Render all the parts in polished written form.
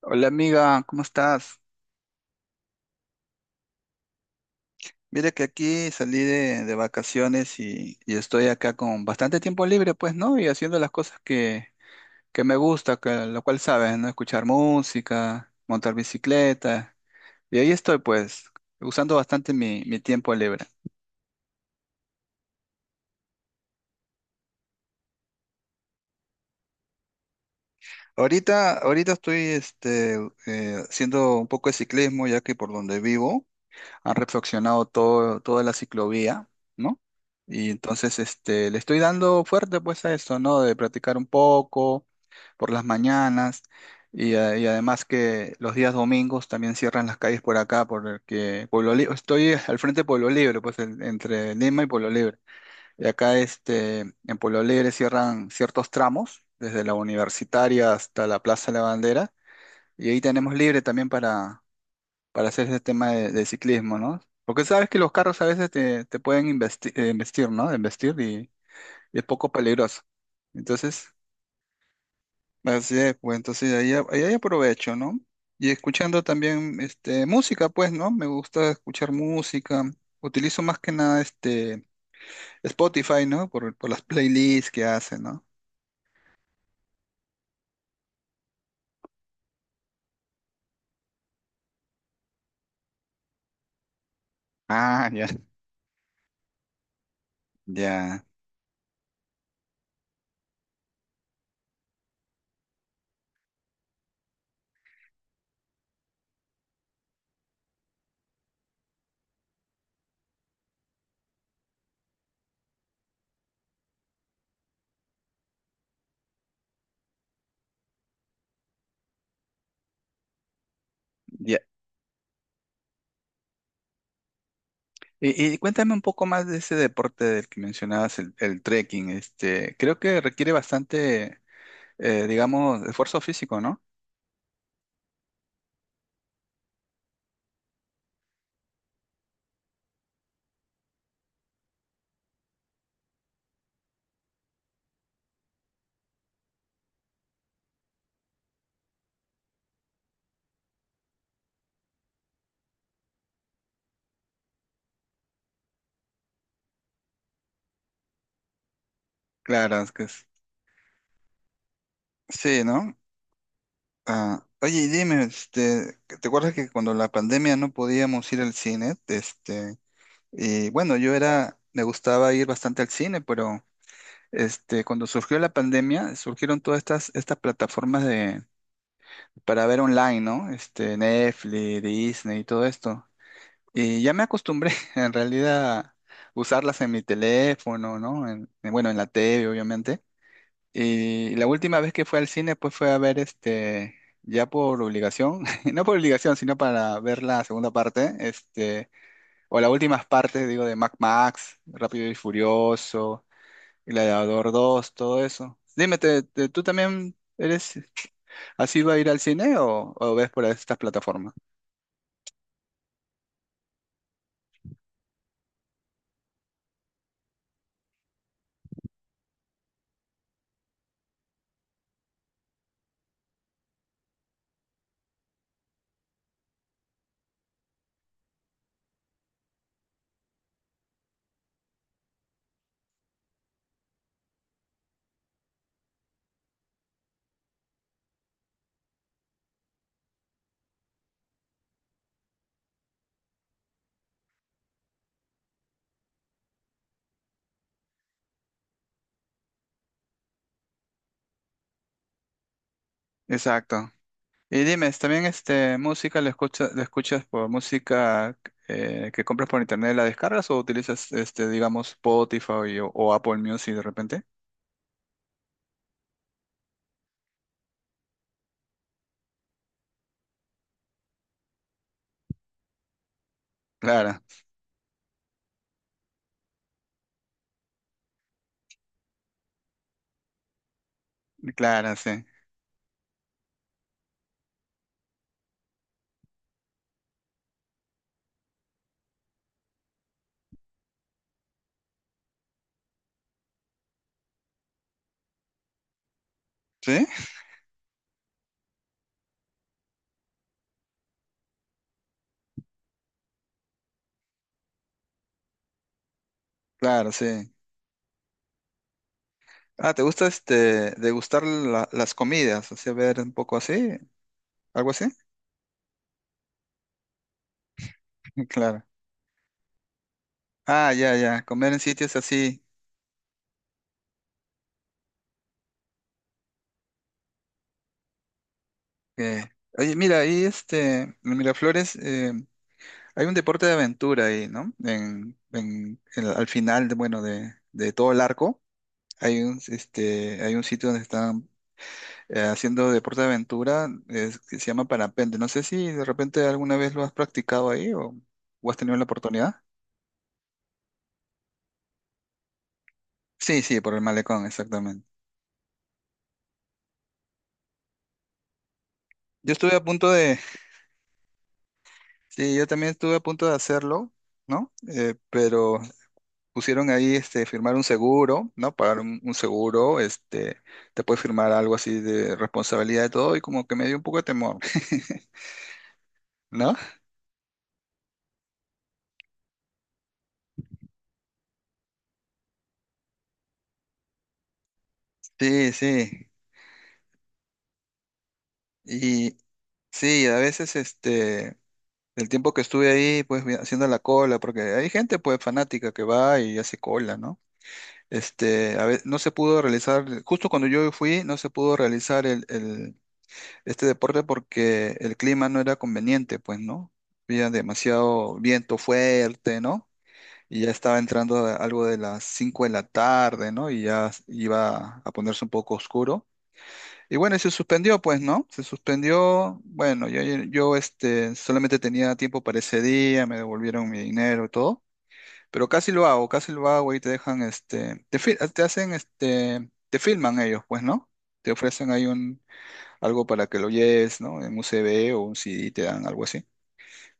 Hola amiga, ¿cómo estás? Mira que aquí salí de vacaciones y estoy acá con bastante tiempo libre, pues, ¿no? Y haciendo las cosas que me gusta, que, lo cual sabes, ¿no? Escuchar música, montar bicicleta. Y ahí estoy, pues, usando bastante mi tiempo libre. Ahorita estoy haciendo un poco de ciclismo, ya que por donde vivo han reflexionado toda la ciclovía, ¿no? Y entonces este, le estoy dando fuerte pues a eso, ¿no? De practicar un poco por las mañanas y además que los días domingos también cierran las calles por acá, porque Pueblo Libre, estoy al frente de Pueblo Libre, pues entre Lima y Pueblo Libre. Y acá este, en Pueblo Libre cierran ciertos tramos, desde la universitaria hasta la Plaza de la Bandera, y ahí tenemos libre también para hacer ese tema de ciclismo, ¿no? Porque sabes que los carros a veces te pueden investir, ¿no? Investir y es poco peligroso. Entonces, así es, pues entonces ahí hay aprovecho, ¿no? Y escuchando también este, música, pues, ¿no? Me gusta escuchar música. Utilizo más que nada este Spotify, ¿no? Por las playlists que hace, ¿no? Ah, ya, ya. Y cuéntame un poco más de ese deporte del que mencionabas, el trekking. Este, creo que requiere bastante digamos, esfuerzo físico, ¿no? Claro, es que. Sí, ¿no? Ah, oye, y dime, este, ¿te acuerdas que cuando la pandemia no podíamos ir al cine? Este, y bueno, yo era, me gustaba ir bastante al cine, pero este, cuando surgió la pandemia, surgieron estas plataformas de, para ver online, ¿no? Este, Netflix, Disney y todo esto. Y ya me acostumbré, en realidad, a usarlas en mi teléfono, ¿no? Bueno, en la TV, obviamente. Y la última vez que fue al cine, pues fue a ver este, ya por obligación, no por obligación, sino para ver la segunda parte, este, o las últimas partes, digo, de Mad Max, Rápido y Furioso, Gladiador dos todo eso. Dime, tú también eres así va a ir al cine o ves por estas plataformas? Exacto. Y dime, ¿también este, música la escuchas por música que compras por internet, la descargas o utilizas, este, digamos, Spotify o Apple Music de repente? Clara, clara, sí. ¿Sí? Claro, sí. Ah, ¿te gusta este, degustar las comidas? O sea, ver un poco así, algo así. Claro. Ah, ya, ya, comer en sitios así. que- Oye, mira, ahí este, en Miraflores hay un deporte de aventura ahí, ¿no? Al final, de, bueno, de todo el arco, hay un, este, hay un sitio donde están haciendo deporte de aventura, que se llama parapente. No sé si de repente alguna vez lo has practicado ahí o has tenido la oportunidad. Sí, sí, por el malecón, exactamente. Yo estuve a punto de, sí, yo también estuve a punto de hacerlo, ¿no? Pero pusieron ahí este, firmar un seguro, ¿no? Pagar un seguro, este, te puede firmar algo así de responsabilidad de todo y como que me dio un poco de temor, ¿no? Sí, sí. Y sí, a veces este, el tiempo que estuve ahí, pues haciendo la cola, porque hay gente pues fanática que va y hace cola, ¿no? Este, no se pudo realizar, justo cuando yo fui, no se pudo realizar este deporte porque el clima no era conveniente, pues, ¿no? Había demasiado viento fuerte, ¿no? Y ya estaba entrando algo de las 5 de la tarde, ¿no? Y ya iba a ponerse un poco oscuro. Y bueno, y se suspendió, pues, ¿no? Se suspendió. Bueno, yo este, solamente tenía tiempo para ese día, me devolvieron mi dinero y todo. Pero casi lo hago y te dejan, este, te, te hacen, este, te filman ellos, pues, ¿no? Te ofrecen ahí un, algo para que lo lleves, ¿no? En un CD o un CD te dan algo así.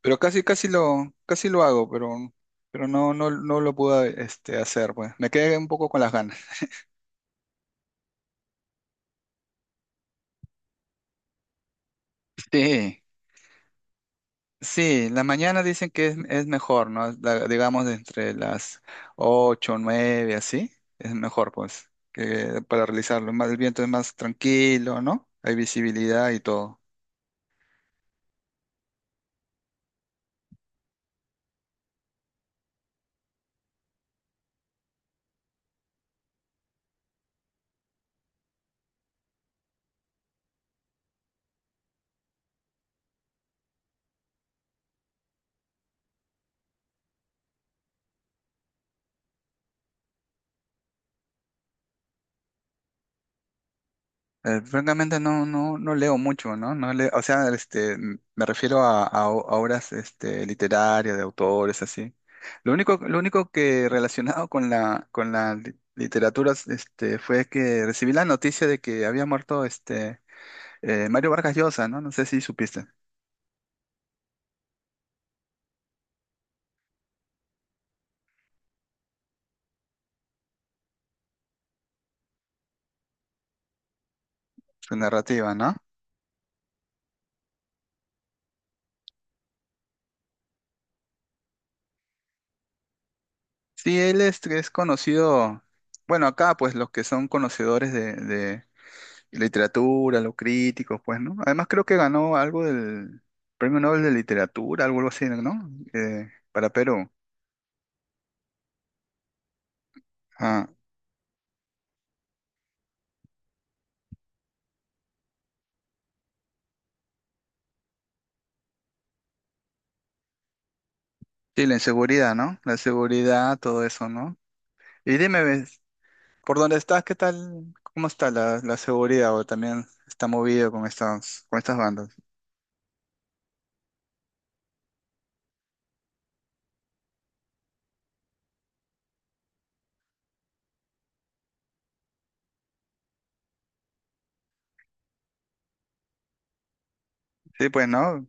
Pero casi lo hago, pero no, no lo pude este, hacer, pues. Me quedé un poco con las ganas. Sí, sí, la mañana dicen que es mejor, ¿no? Digamos entre las 8 9 así, es mejor, pues, que para realizarlo. Más, el viento es más tranquilo, ¿no? Hay visibilidad y todo. Francamente no, no leo mucho, ¿no? No leo, o sea, este, me refiero a, a obras este, literarias, de autores, así. Lo único que relacionado con la literatura este, fue que recibí la noticia de que había muerto este, Mario Vargas Llosa, ¿no? No sé si supiste su narrativa, ¿no? Sí, él es conocido, bueno, acá pues los que son conocedores de y literatura, los críticos, pues, ¿no? Además creo que ganó algo del Premio Nobel de Literatura, algo algo así, ¿no? Para Perú. Ah, sí, la inseguridad, ¿no? La seguridad, todo eso, ¿no? Y dime, ¿ves? ¿Por dónde estás? ¿Qué tal? ¿Cómo está la, la seguridad? ¿O también está movido con estas bandas? Sí, pues, ¿no?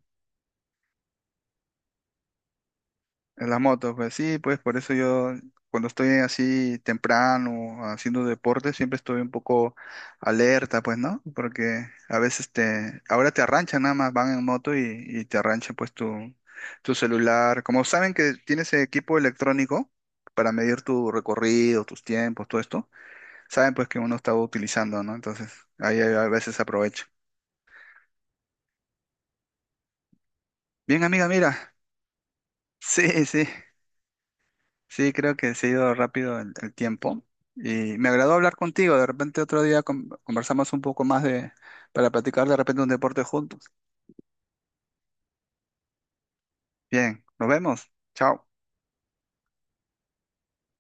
En las motos, pues sí, pues por eso yo cuando estoy así temprano haciendo deporte siempre estoy un poco alerta, pues, ¿no? Porque a veces te, ahora te arranchan nada más, van en moto y te arranchan pues tu celular. Como saben que tienes equipo electrónico para medir tu recorrido, tus tiempos, todo esto, saben pues que uno está utilizando, ¿no? Entonces ahí a veces aprovecho. Bien, amiga, mira. Sí, sí. Sí, creo que se ha ido rápido el tiempo y me agradó hablar contigo. De repente otro día conversamos un poco más de, para platicar de repente un deporte juntos. Bien, nos vemos. Chao.